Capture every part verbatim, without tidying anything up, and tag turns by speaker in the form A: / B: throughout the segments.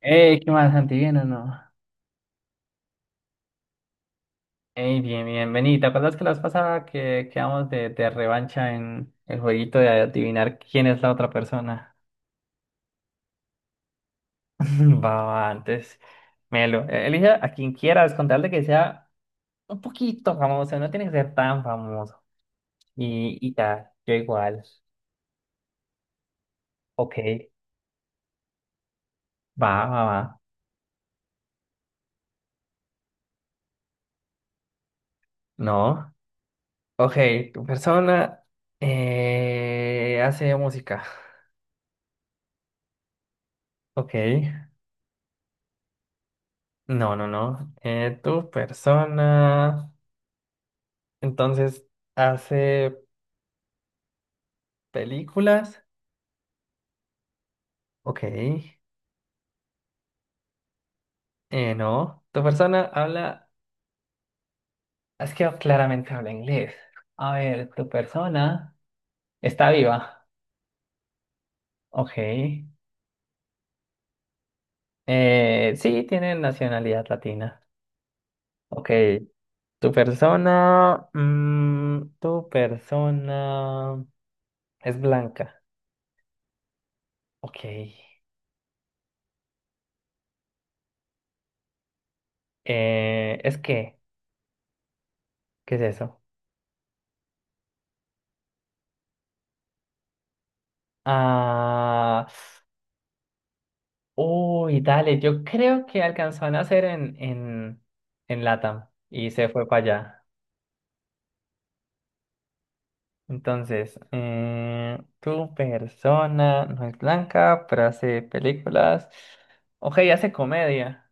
A: Ey, ¿qué más, Santi? ¿Bien o no? Ey, bien, bien, vení. ¿Te acuerdas que la vez pasada que quedamos de, de revancha en el jueguito de adivinar quién es la otra persona? Va, va, antes. Melo, eh, elige a quien quieras, con tal de que sea un poquito famoso, no tiene que ser tan famoso. Y, y ya, yo igual. Ok, va, va, va. No. Ok, tu persona eh, hace música. Ok. No, no, no. Eh, tu persona. Entonces, hace películas. Ok. Eh, no. Tu persona habla. Es que claramente habla inglés. A ver, tu persona está viva. Ok. Eh, sí, tiene nacionalidad latina. Ok. Tu persona. Mm, tu persona es blanca. Ok. Eh, ¿es qué? ¿Qué es eso? Ah. Uy, dale, yo creo que alcanzó a nacer en, en, en LATAM y se fue para allá. Entonces, eh, tu persona no es blanca, pero hace películas. Ok, hace comedia.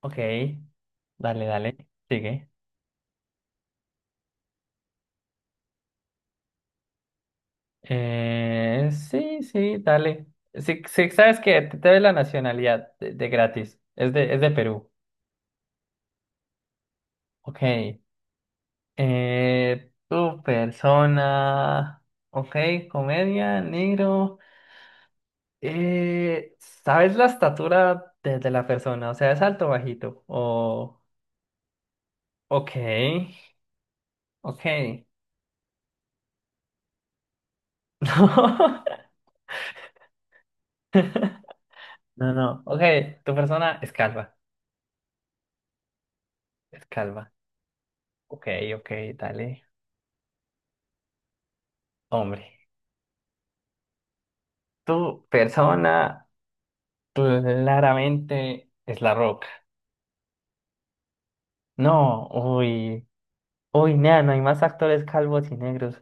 A: Ok, dale, dale, sigue. Eh, sí, sí, dale. Sí, sí, sabes que te, te doy la nacionalidad de, de gratis. Es de, es de Perú. Ok. Eh, tu persona, ok, comedia, negro. Eh, ¿sabes la estatura de, de la persona? O sea, ¿es alto o bajito? O, ok, ok. No, no, no, ok, tu persona es calva, es calva. Ok, ok, dale, hombre. Tu persona claramente es la roca. No, uy, uy, nada, no hay más actores calvos y negros.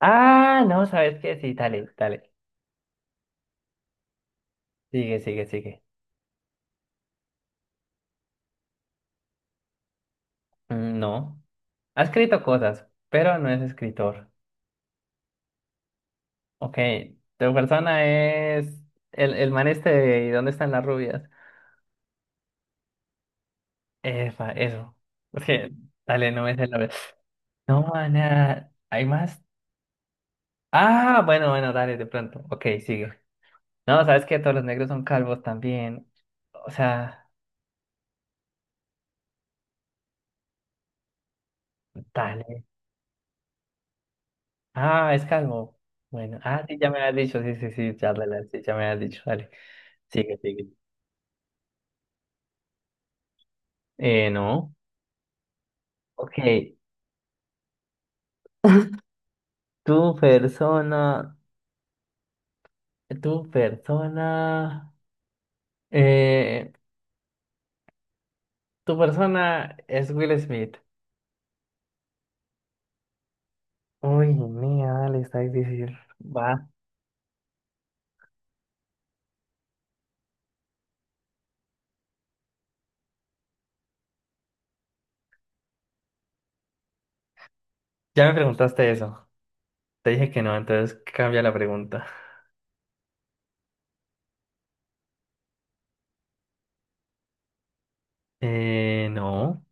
A: Ah, no, ¿sabes qué? Sí, dale, dale. Sigue, sigue, sigue. Mm, no. Ha escrito cosas, pero no es escritor. Ok, tu persona es el, el man este de ¿Y dónde están las rubias? Efa, eso. Es que, dale, no es el nombre. No, mana, ¿hay más? Ah, bueno, bueno, dale, de pronto. Ok, sigue. No, ¿sabes qué? Todos los negros son calvos también. O sea, dale. Ah, es calvo. Bueno, ah, sí, ya me has dicho, sí, sí, sí, ya, dale, dale, sí, ya me has dicho, dale. Sigue, sigue. Eh, no. Ok. Tu persona. Tu persona. Eh, tu persona es Will Smith. Uy, mía, dale, está difícil. Va. Ya me preguntaste eso. Te dije que no, entonces cambia la pregunta. Eh, no.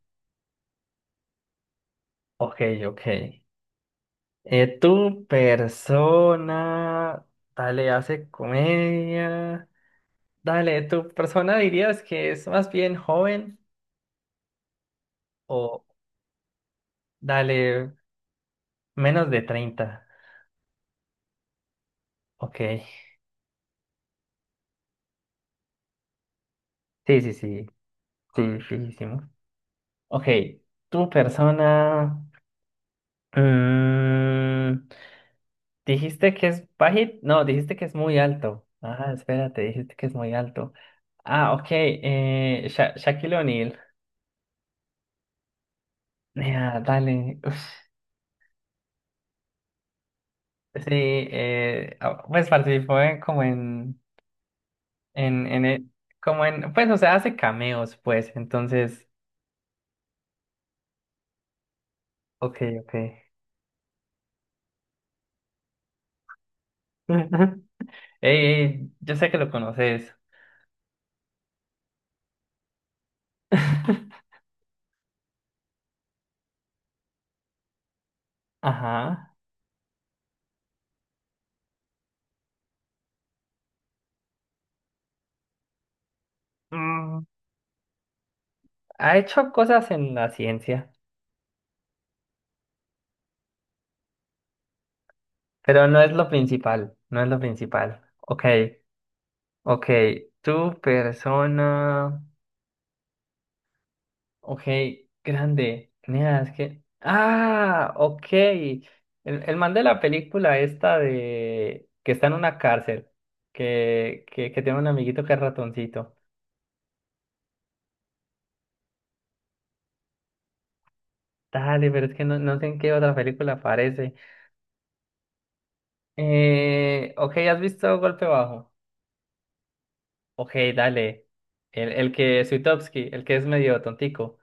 A: Ok, ok. Eh, tu persona. Dale, hace comedia. Dale, tu persona dirías que es más bien joven o dale. Menos de treinta. Ok. Sí, sí, sí. Sí, fijísimo. Ok. Tu persona. Mm, dijiste que es bajito. No, dijiste que es muy alto. Ah, espérate, dijiste que es muy alto. Ah, ok. Eh, Sha- Shaquille O'Neal. Ya, dale. Uf, sí, eh, ah, pues participó en, como en, en, en, e- como en, pues, o sea, hace cameos, pues, entonces, ok, ok. Ey, ey, yo sé que lo conoces. Ajá. Mm, ha hecho cosas en la ciencia, pero no es lo principal, no es lo principal. Ok, ok. Tu persona. Ok, grande. Mira, es que. Ah, ok. El, el man de la película esta de que está en una cárcel, que, que, que tiene un amiguito que es ratoncito. Dale, pero es que no, no sé en qué otra película aparece. Eh, ok, ¿has visto Golpe Bajo? Ok, dale. El, el que Swiatowski, el que es medio tontico.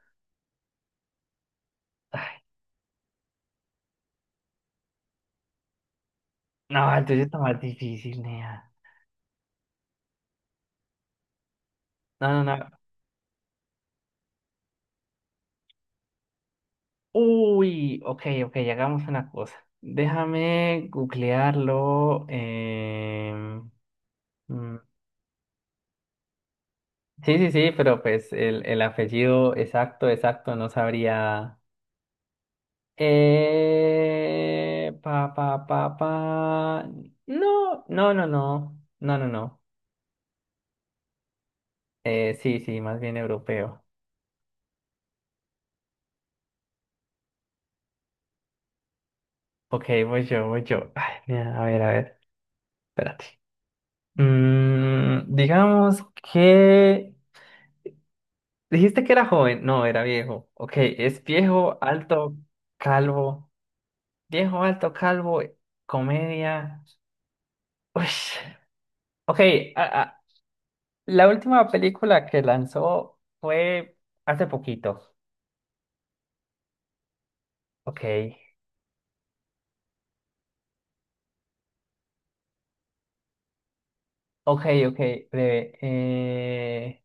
A: Ay, no, el tuyo está más difícil, nea. No, no, no. Uy, ok, ok, hagamos una cosa. Déjame googlearlo. em, mm, sí, sí, sí, pero pues el, el apellido exacto, exacto, no sabría. Eh, pa, pa, pa, pa. No, no, no, no. No, no, no. Eh, sí, sí, más bien europeo. Ok, voy yo, voy yo. Ay, mira, a ver, a ver, espérate. Mm, digamos que... Dijiste que era joven. No, era viejo. Ok, es viejo, alto, calvo. Viejo, alto, calvo, comedia. Uy. Ok, a- a- la última película que lanzó fue hace poquito. Ok, ok, ok, breve. Eh,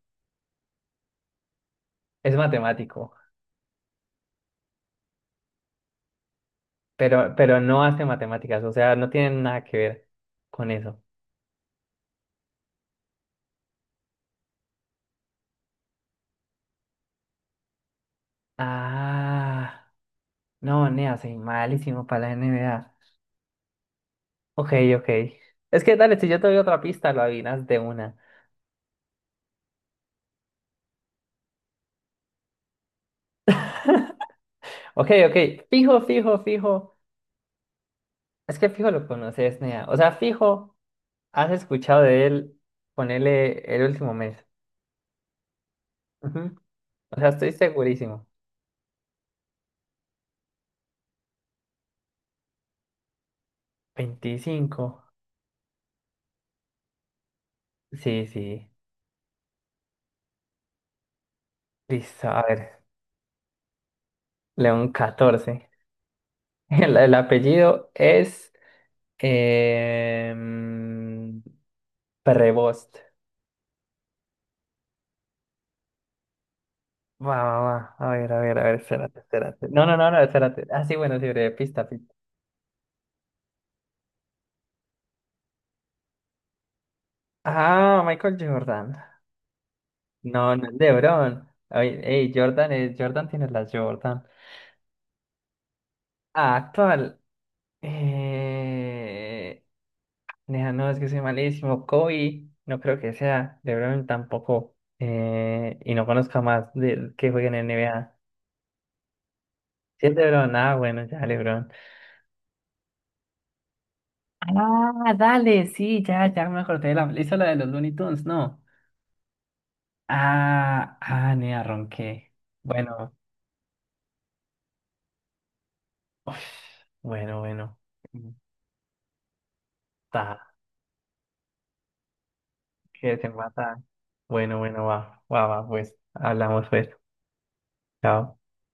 A: es matemático, pero, pero no hace matemáticas, o sea, no tiene nada que ver con eso. Ah, no, nea, soy malísimo para la N. NBA. Ok, ok. Es que dale, si yo te doy otra pista, lo adivinas de una. Ok, ok. Fijo, fijo, fijo. Es que fijo lo conoces, nea. O sea, fijo, has escuchado de él, ponele el último mes. Ujú. O sea, estoy segurísimo. Veinticinco. Sí, sí. Listo, a ver. León catorce. El, el apellido es... em, Prevost. Va, va, va. A ver, a ver, a ver, espérate, espérate. No, no, no, no, espérate. Ah, sí, bueno, sí, breve, pista, pista. Ah, Michael Jordan. No, no es LeBron. Ay, ey, Jordan es, Jordan tiene las Jordan. Ah, actual. Eh... Nea, no, es que soy malísimo. Kobe, no creo que sea. LeBron tampoco. Eh... Y no conozco más de que jueguen en N B A. Si es LeBron, ah, bueno, ya LeBron. Ah, dale, sí, ya, ya me acordé de la... Hizo la de los Looney Tunes, ¿no? Ah, ah, nea, ronqué. Bueno, uf, bueno, bueno. Ta, que te mata. Bueno, bueno, va, va, va, pues. Hablamos pues. Chao.